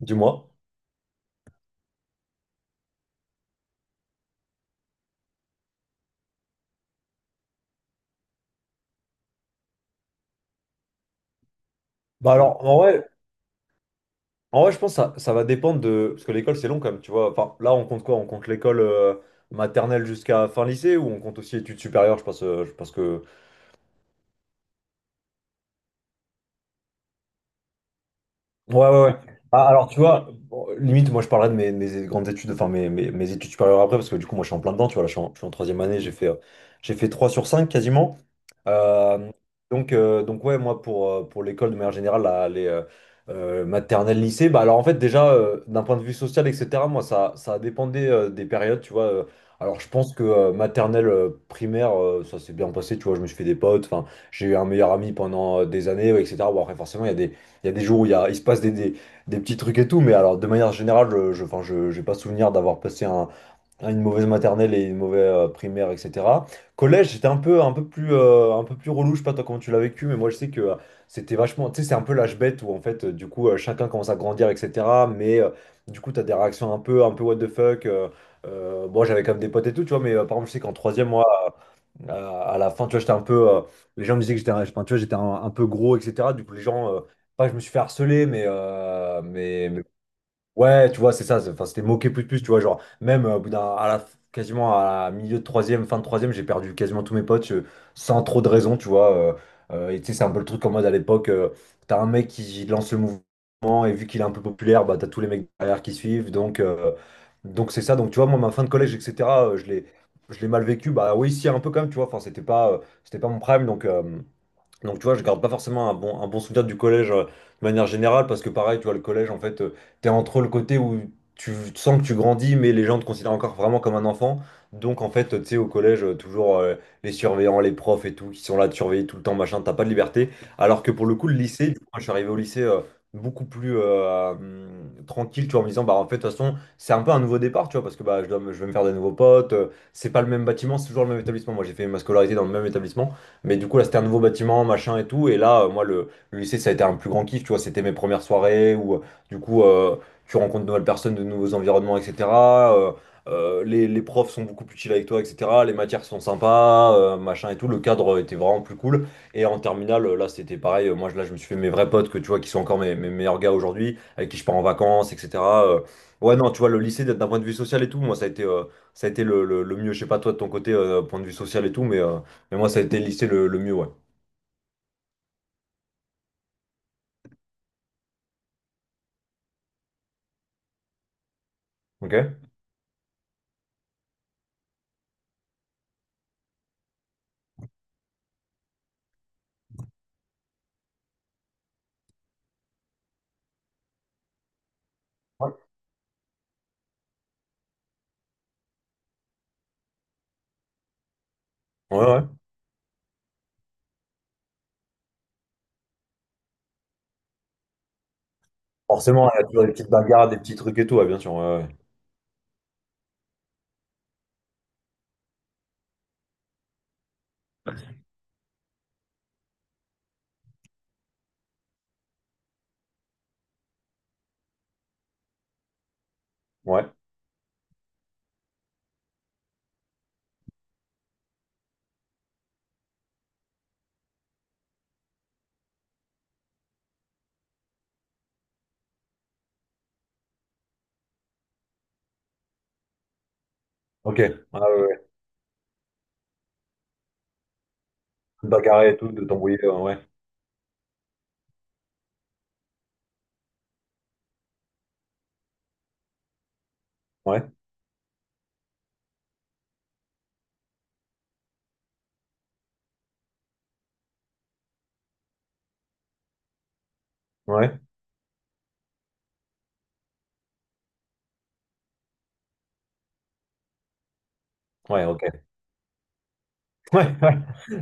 Dis-moi. Bah alors, en vrai, je pense que ça va dépendre de. Parce que l'école, c'est long quand même, tu vois. Enfin, là, on compte quoi? On compte l'école, maternelle jusqu'à fin lycée, ou on compte aussi études supérieures? Je pense que. Ouais, ouais, ouais. Ah, alors, tu vois, bon, limite, moi, je parlerai de mes grandes études, enfin, mes études supérieures après, parce que du coup, moi, je suis en plein dedans, tu vois. Là, je suis en troisième année. J'ai fait 3 sur 5 quasiment. Euh, donc, ouais, moi, pour l'école, de manière générale, les maternelles, lycée. Bah, alors, en fait, déjà, d'un point de vue social, etc., moi, ça dépendait des périodes, tu vois. Alors, je pense que maternelle, primaire, ça s'est bien passé, tu vois, je me suis fait des potes. Enfin, j'ai eu un meilleur ami pendant des années, ouais, etc. Bon, après, forcément, il y a des jours où il se passe des petits trucs et tout. Mais alors, de manière générale, enfin, j'ai pas souvenir d'avoir passé un, une mauvaise maternelle et une mauvaise primaire, etc. Collège, c'était un peu plus relou. Je sais pas toi comment tu l'as vécu, mais moi je sais que c'était vachement, tu sais, c'est un peu l'âge bête où en fait, du coup, chacun commence à grandir, etc. Mais du coup, t'as des réactions un peu what the fuck. Moi j'avais quand même des potes et tout, tu vois. Mais par exemple, je sais qu'en troisième, moi, à la fin, tu vois, j'étais un peu. Les gens me disaient que j'étais un, enfin, tu vois, j'étais un peu gros, etc. Du coup, les gens. Pas que je me suis fait harceler, mais, mais Ouais, tu vois, c'est ça. Enfin, c'était moqué plus de plus, tu vois, genre même au bout d'un, à la, quasiment à la milieu de troisième, fin de troisième, j'ai perdu quasiment tous mes potes sans trop de raison, tu vois. Et tu sais, c'est un peu le truc en mode à l'époque, t'as un mec qui lance le mouvement et vu qu'il est un peu populaire, bah t'as tous les mecs derrière qui suivent. Donc donc c'est ça. Donc tu vois, moi ma fin de collège, etc. euh, je l'ai je l'ai mal vécu. Bah oui, si un peu quand même, tu vois. Enfin, c'était pas mon prime. Donc donc, tu vois, je garde pas forcément un bon souvenir du collège de manière générale, parce que pareil, tu vois, le collège, en fait, t'es entre le côté où tu sens que tu grandis, mais les gens te considèrent encore vraiment comme un enfant. Donc, en fait, tu sais, au collège, toujours les surveillants, les profs et tout, qui sont là de surveiller tout le temps, machin, t'as pas de liberté. Alors que pour le coup, le lycée, du coup, moi, je suis arrivé au lycée beaucoup plus tranquille, tu vois, en me disant, bah, en fait, de toute façon, c'est un peu un nouveau départ, tu vois, parce que bah, je vais me faire des nouveaux potes, c'est pas le même bâtiment, c'est toujours le même établissement. Moi, j'ai fait ma scolarité dans le même établissement. Mais du coup, là, c'était un nouveau bâtiment, machin et tout. Et là, moi, le lycée, ça a été un plus grand kiff, tu vois. C'était mes premières soirées où, du coup, euh, tu rencontres de nouvelles personnes, de nouveaux environnements, etc. Euh, les profs sont beaucoup plus chill avec toi, etc. Les matières sont sympas, machin et tout. Le cadre était vraiment plus cool. Et en terminale, là, c'était pareil. Là, je me suis fait mes vrais potes que tu vois, qui sont encore mes meilleurs gars aujourd'hui, avec qui je pars en vacances, etc. Ouais, non, tu vois, le lycée, d'un point de vue social et tout, moi, ça a été le mieux. Je sais pas, toi, de ton côté, point de vue social et tout, mais. Mais moi, ça a été le lycée le mieux, ouais. Ok? Ouais, ouais, ouais. Forcément, il y a toujours des petites bagarres, des petits trucs et tout, ouais, bien sûr. Ouais, ouais. Ouais. Ok. Ah, ouais, ouais. Tout bagarrer et tout, de t'embrouiller, ouais. Ouais, ouais. Ouais, ouais, ok. Ouais, ouais.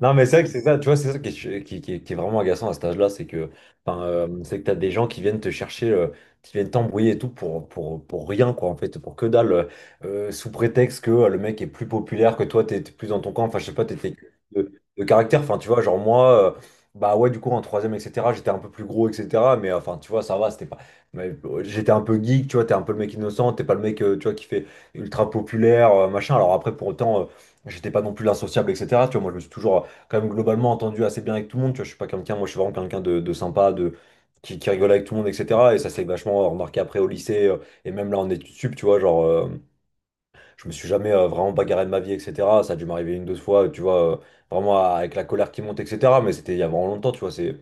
Non, mais c'est vrai que c'est ça, tu vois, c'est ça qui est vraiment agaçant à cet âge-là, c'est que, enfin, c'est que t'as des gens qui viennent te chercher, qui viennent t'embrouiller et tout pour rien, quoi, en fait, pour que dalle. Sous prétexte que le mec est plus populaire que toi, t'es plus dans ton camp. Enfin, je sais pas, t'étais de, de caractère. Enfin, tu vois, genre moi, bah ouais, du coup, en troisième, etc., j'étais un peu plus gros, etc. Mais enfin, tu vois, ça va, c'était pas, mais, j'étais un peu geek, tu vois, t'es un peu le mec innocent, t'es pas le mec, tu vois, qui fait ultra populaire, machin. Alors après, pour autant. J'étais pas non plus l'insociable, etc. Tu vois, moi, je me suis toujours, quand même, globalement entendu assez bien avec tout le monde. Tu vois, je suis pas quelqu'un, moi, je suis vraiment quelqu'un de sympa, de, qui rigole avec tout le monde, etc. Et ça s'est vachement remarqué après au lycée, et même là en études sup, tu vois, genre, je me suis jamais vraiment bagarré de ma vie, etc. Ça a dû m'arriver une, deux fois, tu vois, vraiment avec la colère qui monte, etc. Mais c'était il y a vraiment longtemps, tu vois. C'est.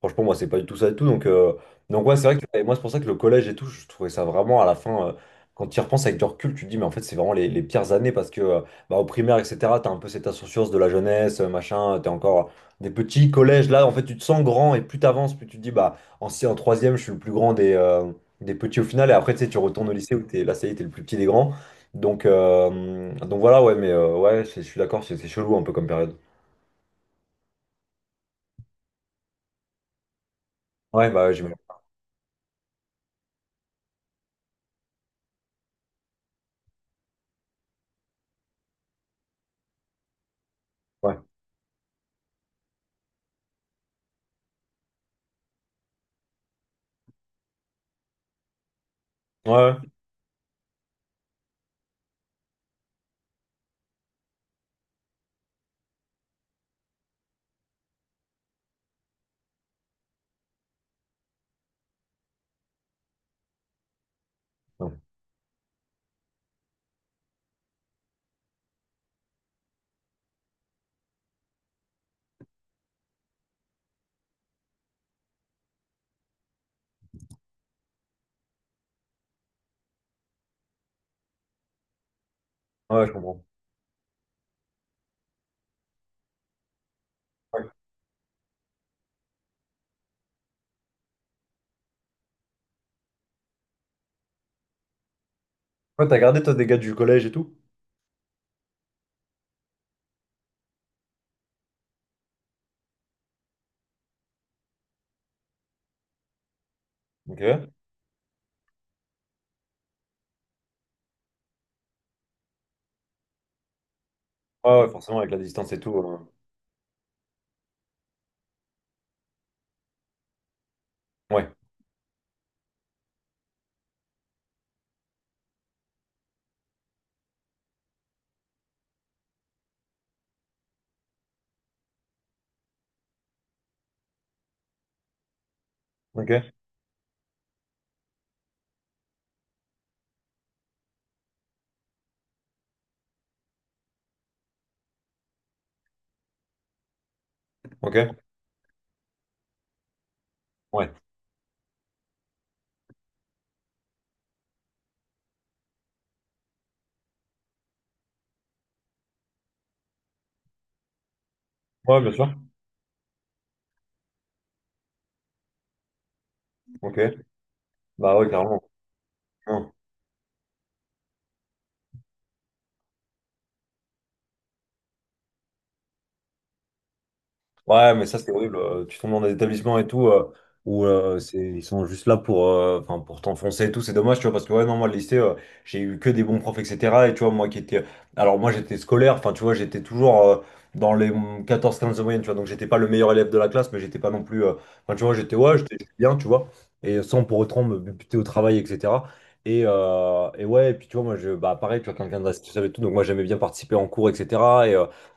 Franchement, moi, c'est pas du tout ça et tout. Donc ouais, c'est vrai que et moi, c'est pour ça que le collège et tout, je trouvais ça vraiment à la fin, quand tu y repenses avec du recul, tu te dis, mais en fait, c'est vraiment les pires années parce que bah, au primaire, etc., t'as un peu cette insouciance de la jeunesse, t'es encore des petits collèges. Là, en fait, tu te sens grand et plus t'avances, plus tu te dis, bah, en, si- en troisième, je suis le plus grand des. Des petits au final. Et après tu sais tu retournes au lycée où t'es là ça y est t'es le plus petit des grands. Donc, donc voilà, ouais, mais ouais, je suis d'accord, c'est chelou un peu comme période. Ouais, bah ouais, j'imagine. Ouais, ouais, ouais, ouais, ouais, je comprends. Ouais, ouais, t'as gardé toi des gars du collège et tout? Ok. Ouais, ouais, forcément, avec la distance et tout. Ouais, ok, ok, ouais. Ouais, bien sûr. Ok, bah ouais, clairement. Ouais, mais ça, c'est horrible. Tu tombes dans des établissements et tout, où c'est, ils sont juste là pour, enfin, pour t'enfoncer et tout. C'est dommage, tu vois, parce que ouais, non, moi, le lycée, j'ai eu que des bons profs, etc. Et tu vois, moi qui étais. Alors, moi, j'étais scolaire, enfin, tu vois, j'étais toujours dans les 14, 15 de moyenne, tu vois. Donc, j'étais pas le meilleur élève de la classe, mais j'étais pas non plus. Enfin, tu vois, j'étais, ouais, j'étais bien, tu vois. Et sans pour autant me buter au travail, etc. Et ouais, et puis tu vois, moi, je, bah, pareil, tu vois, quelqu'un de la situation et tout. Donc, moi, j'aimais bien participer en cours, etc.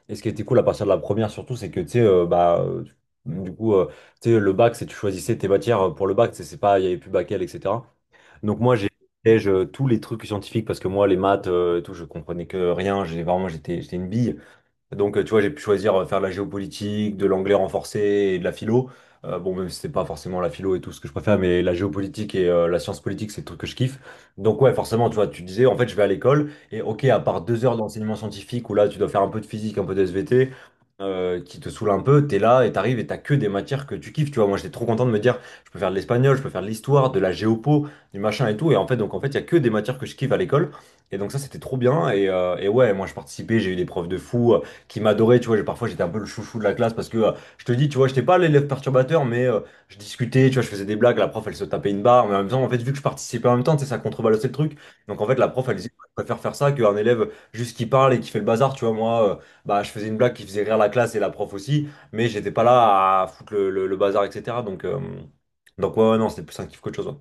Et ce qui était cool à partir de la première surtout, c'est que tu sais, du coup, euh, tu sais, le bac, c'est tu choisissais tes matières pour le bac, tu sais, c'est pas, il y avait plus bac L, etc. Donc moi, j'ai tous les trucs scientifiques, parce que moi, les maths et tout, je comprenais que rien. J'ai vraiment, j'étais une bille. Donc, tu vois, j'ai pu choisir faire de la géopolitique, de l'anglais renforcé et de la philo. Bon, même si c'est pas forcément la philo et tout ce que je préfère, mais la géopolitique et la science politique, c'est le truc que je kiffe. Donc, ouais, forcément, tu vois, tu disais, en fait, je vais à l'école et ok, à part 2 heures d'enseignement scientifique où là, tu dois faire un peu de physique, un peu de SVT, qui te saoule un peu, t'es là et t'arrives et t'as que des matières que tu kiffes. Tu vois, moi, j'étais trop content de me dire, je peux faire de l'espagnol, je peux faire de l'histoire, de la géopo, du machin et tout. Et en fait, donc, en fait, il y a que des matières que je kiffe à l'école. Et donc, ça, c'était trop bien. Et ouais, moi, je participais, j'ai eu des profs de fou qui m'adorait, tu vois. Parfois j'étais un peu le chouchou de la classe parce que je te dis, tu vois, j'étais pas l'élève perturbateur, mais je discutais, tu vois, je faisais des blagues, la prof elle se tapait une barre, mais en même temps, en fait, vu que je participais en même temps, tu sais, ça contrebalançait le truc. Donc en fait, la prof elle disait, je préfère faire ça qu'un élève juste qui parle et qui fait le bazar, tu vois, moi, bah, je faisais une blague qui faisait rire la classe et la prof aussi, mais j'étais pas là à foutre le, le bazar, etc. Donc ouais, ouais, non, c'était plus un kiff qu'autre chose.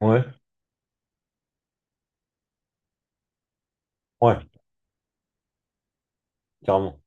Ouais. Ouais, ouais, carrément.